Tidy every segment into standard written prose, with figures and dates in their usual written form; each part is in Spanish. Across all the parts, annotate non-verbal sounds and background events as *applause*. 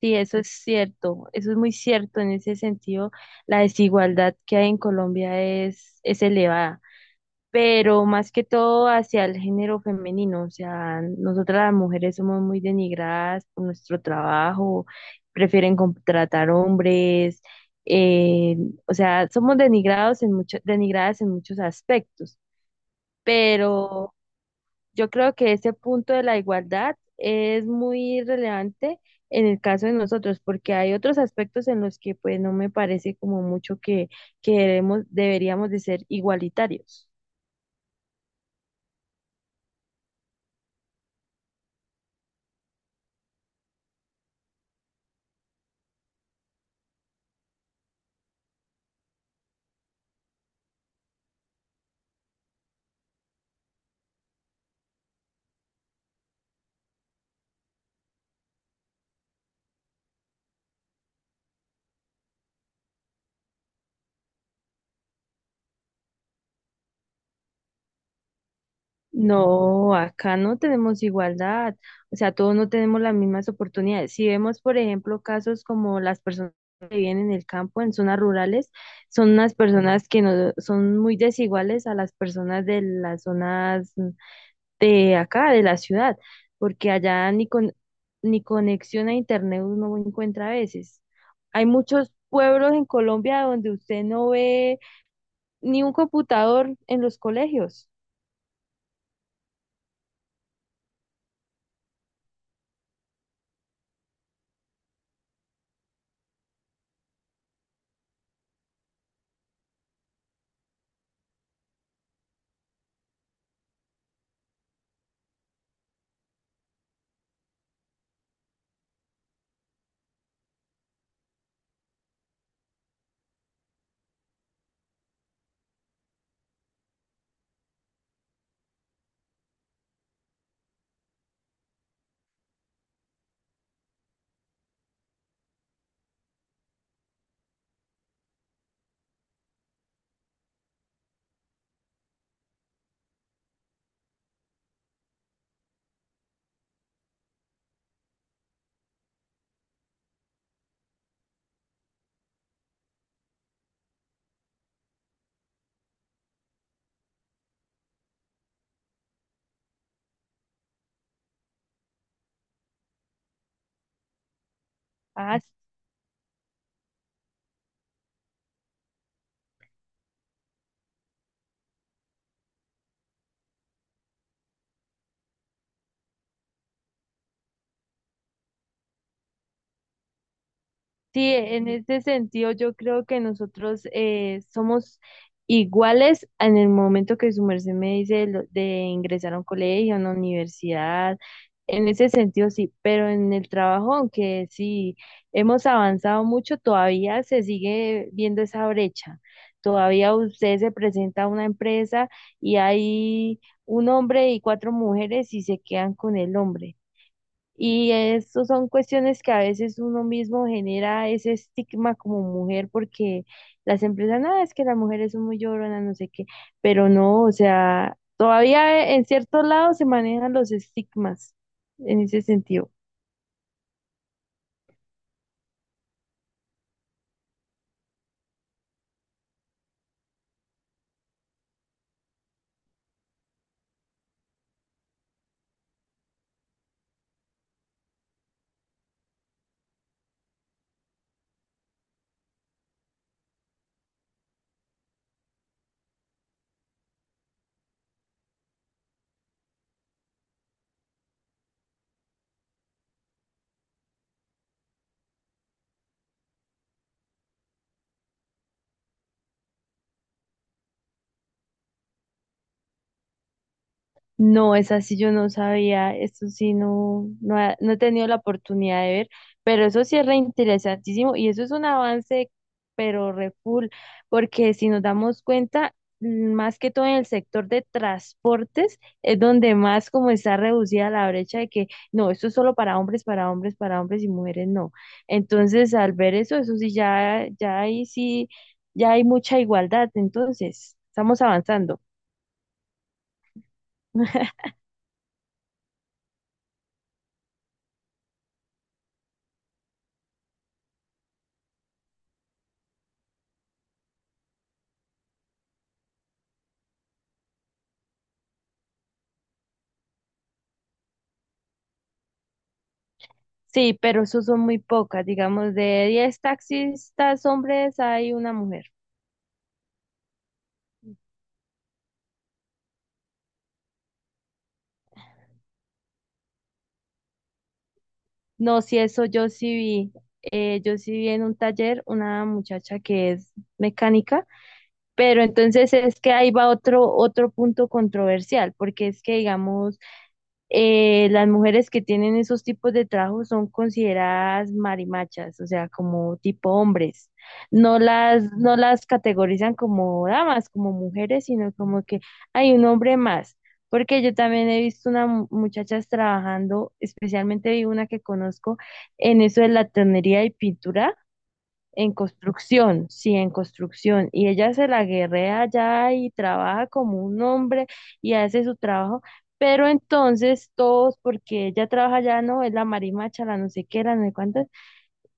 Sí, eso es cierto, eso es muy cierto. En ese sentido, la desigualdad que hay en Colombia es elevada, pero más que todo hacia el género femenino. O sea, nosotras las mujeres somos muy denigradas por nuestro trabajo, prefieren contratar hombres, eh, o sea, somos denigradas en muchos aspectos, pero... Yo creo que ese punto de la igualdad es muy relevante en el caso de nosotros, porque hay otros aspectos en los que pues no me parece como mucho que deberíamos de ser igualitarios. No, acá no tenemos igualdad, o sea, todos no tenemos las mismas oportunidades. Si vemos, por ejemplo, casos como las personas que viven en el campo, en zonas rurales, son unas personas que no son muy desiguales a las personas de las zonas de acá, de la ciudad, porque allá ni con, ni conexión a internet uno encuentra a veces. Hay muchos pueblos en Colombia donde usted no ve ni un computador en los colegios. Ah, sí, en este sentido yo creo que nosotros somos iguales en el momento que su merced me dice de ingresar a un colegio, a una universidad, en ese sentido sí, pero en el trabajo, aunque sí hemos avanzado mucho, todavía se sigue viendo esa brecha. Todavía usted se presenta a una empresa y hay un hombre y 4 mujeres y se quedan con el hombre. Y eso son cuestiones que a veces uno mismo genera ese estigma como mujer porque las empresas, nada, es que las mujeres son muy lloronas, no sé qué, pero no, o sea, todavía en ciertos lados se manejan los estigmas en ese sentido. No, es así, yo no sabía, esto sí, no he tenido la oportunidad de ver, pero eso sí es reinteresantísimo y eso es un avance, pero re full, porque si nos damos cuenta, más que todo en el sector de transportes, es donde más como está reducida la brecha de que no, esto es solo para hombres, para hombres, para hombres y mujeres no. Entonces, al ver eso, eso sí, ya, ya ahí sí, ya hay mucha igualdad, entonces, estamos avanzando. *laughs* Sí, pero eso son muy pocas. Digamos, de 10 taxistas hombres hay una mujer. No, si eso yo sí vi. Yo sí vi en un taller una muchacha que es mecánica, pero entonces es que ahí va otro punto controversial, porque es que, digamos, las mujeres que tienen esos tipos de trabajos son consideradas marimachas, o sea, como tipo hombres. No las categorizan como damas, como mujeres, sino como que hay un hombre más. Porque yo también he visto unas muchachas trabajando, especialmente vi una que conozco en eso de la tonería y pintura, en construcción, sí, en construcción. Y ella se la guerrea allá y trabaja como un hombre y hace su trabajo. Pero entonces todos, porque ella trabaja allá, no, es la marimacha, la no sé qué, la no sé cuánto,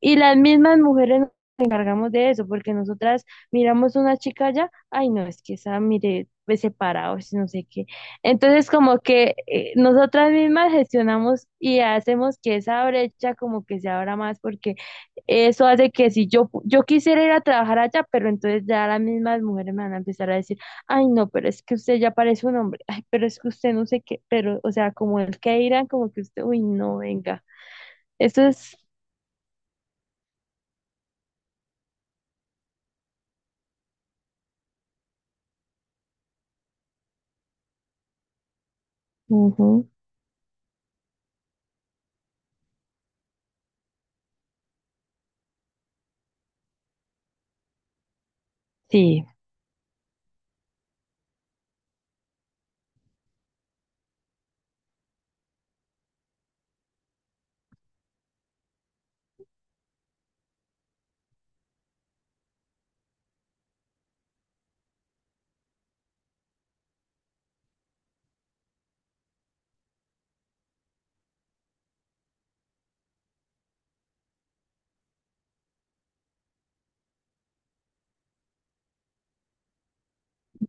y las mismas mujeres nos encargamos de eso, porque nosotras miramos una chica allá ay no, es que esa mire, ve separado, es no sé qué. Entonces como que nosotras mismas gestionamos y hacemos que esa brecha como que se abra más, porque eso hace que si yo quisiera ir a trabajar allá, pero entonces ya las mismas mujeres me van a empezar a decir, ay no, pero es que usted ya parece un hombre, ay, pero es que usted no sé qué, pero, o sea, como el que irán, como que usted, uy no, venga. Eso es, ujú, sí.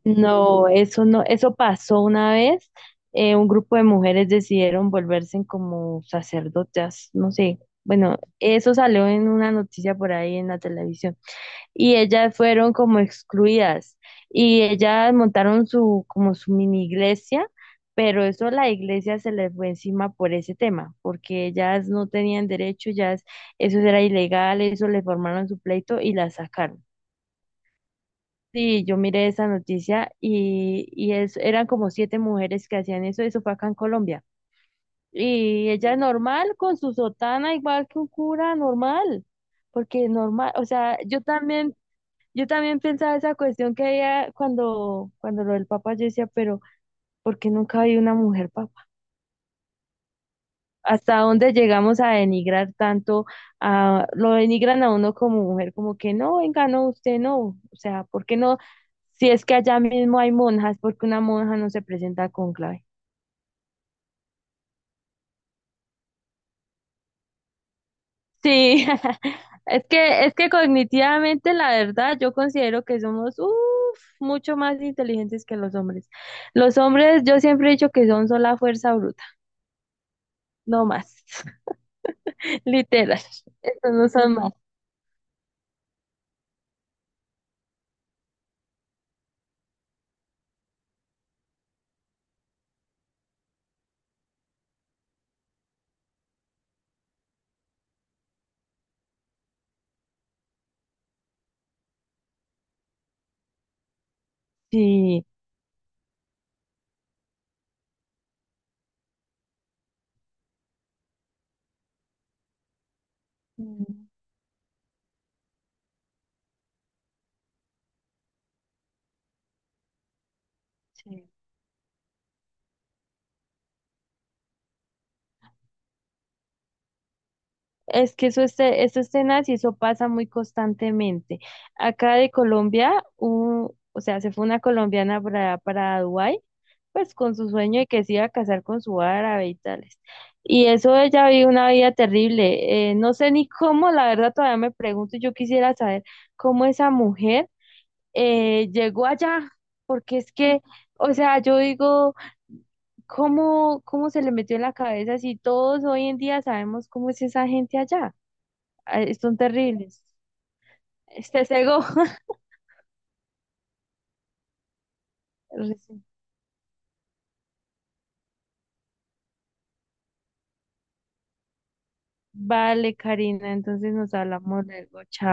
No, eso no, eso pasó una vez. Un grupo de mujeres decidieron volverse en como sacerdotas, no sé. Bueno, eso salió en una noticia por ahí en la televisión. Y ellas fueron como excluidas. Y ellas montaron como su mini iglesia, pero eso la iglesia se les fue encima por ese tema, porque ellas no tenían derecho, ellas, eso era ilegal, eso le formaron su pleito y las sacaron. Sí, yo miré esa noticia y es, eran como 7 mujeres que hacían eso, eso fue acá en Colombia. Y ella normal, con su sotana, igual que un cura normal, porque normal, o sea, yo también pensaba esa cuestión que había cuando lo del Papa, yo decía, pero ¿por qué nunca hay una mujer hasta dónde llegamos a denigrar tanto, a, lo denigran a uno como mujer, como que no, venga, no, usted no, o sea, ¿por qué no? Si es que allá mismo hay monjas, ¿porque una monja no se presenta con clave? Sí, *laughs* es que cognitivamente, la verdad, yo considero que somos uf, mucho más inteligentes que los hombres. Los hombres, yo siempre he dicho que son sola fuerza bruta, no más, *laughs* literal, estos no son más. Sí. Mm, sí. Es que eso, este, eso es tenaz y eso pasa muy constantemente. Acá de Colombia, o sea, se fue una colombiana para Dubái, pues con su sueño de que se iba a casar con su árabe y tales. Y eso ella vivió una vida terrible. No sé ni cómo, la verdad todavía me pregunto, yo quisiera saber cómo esa mujer llegó allá, porque es que, o sea, yo digo... cómo se le metió en la cabeza si todos hoy en día sabemos cómo es esa gente allá? Ay, son terribles. Este cegó. *laughs* Vale, Karina, entonces nos hablamos luego. Chao.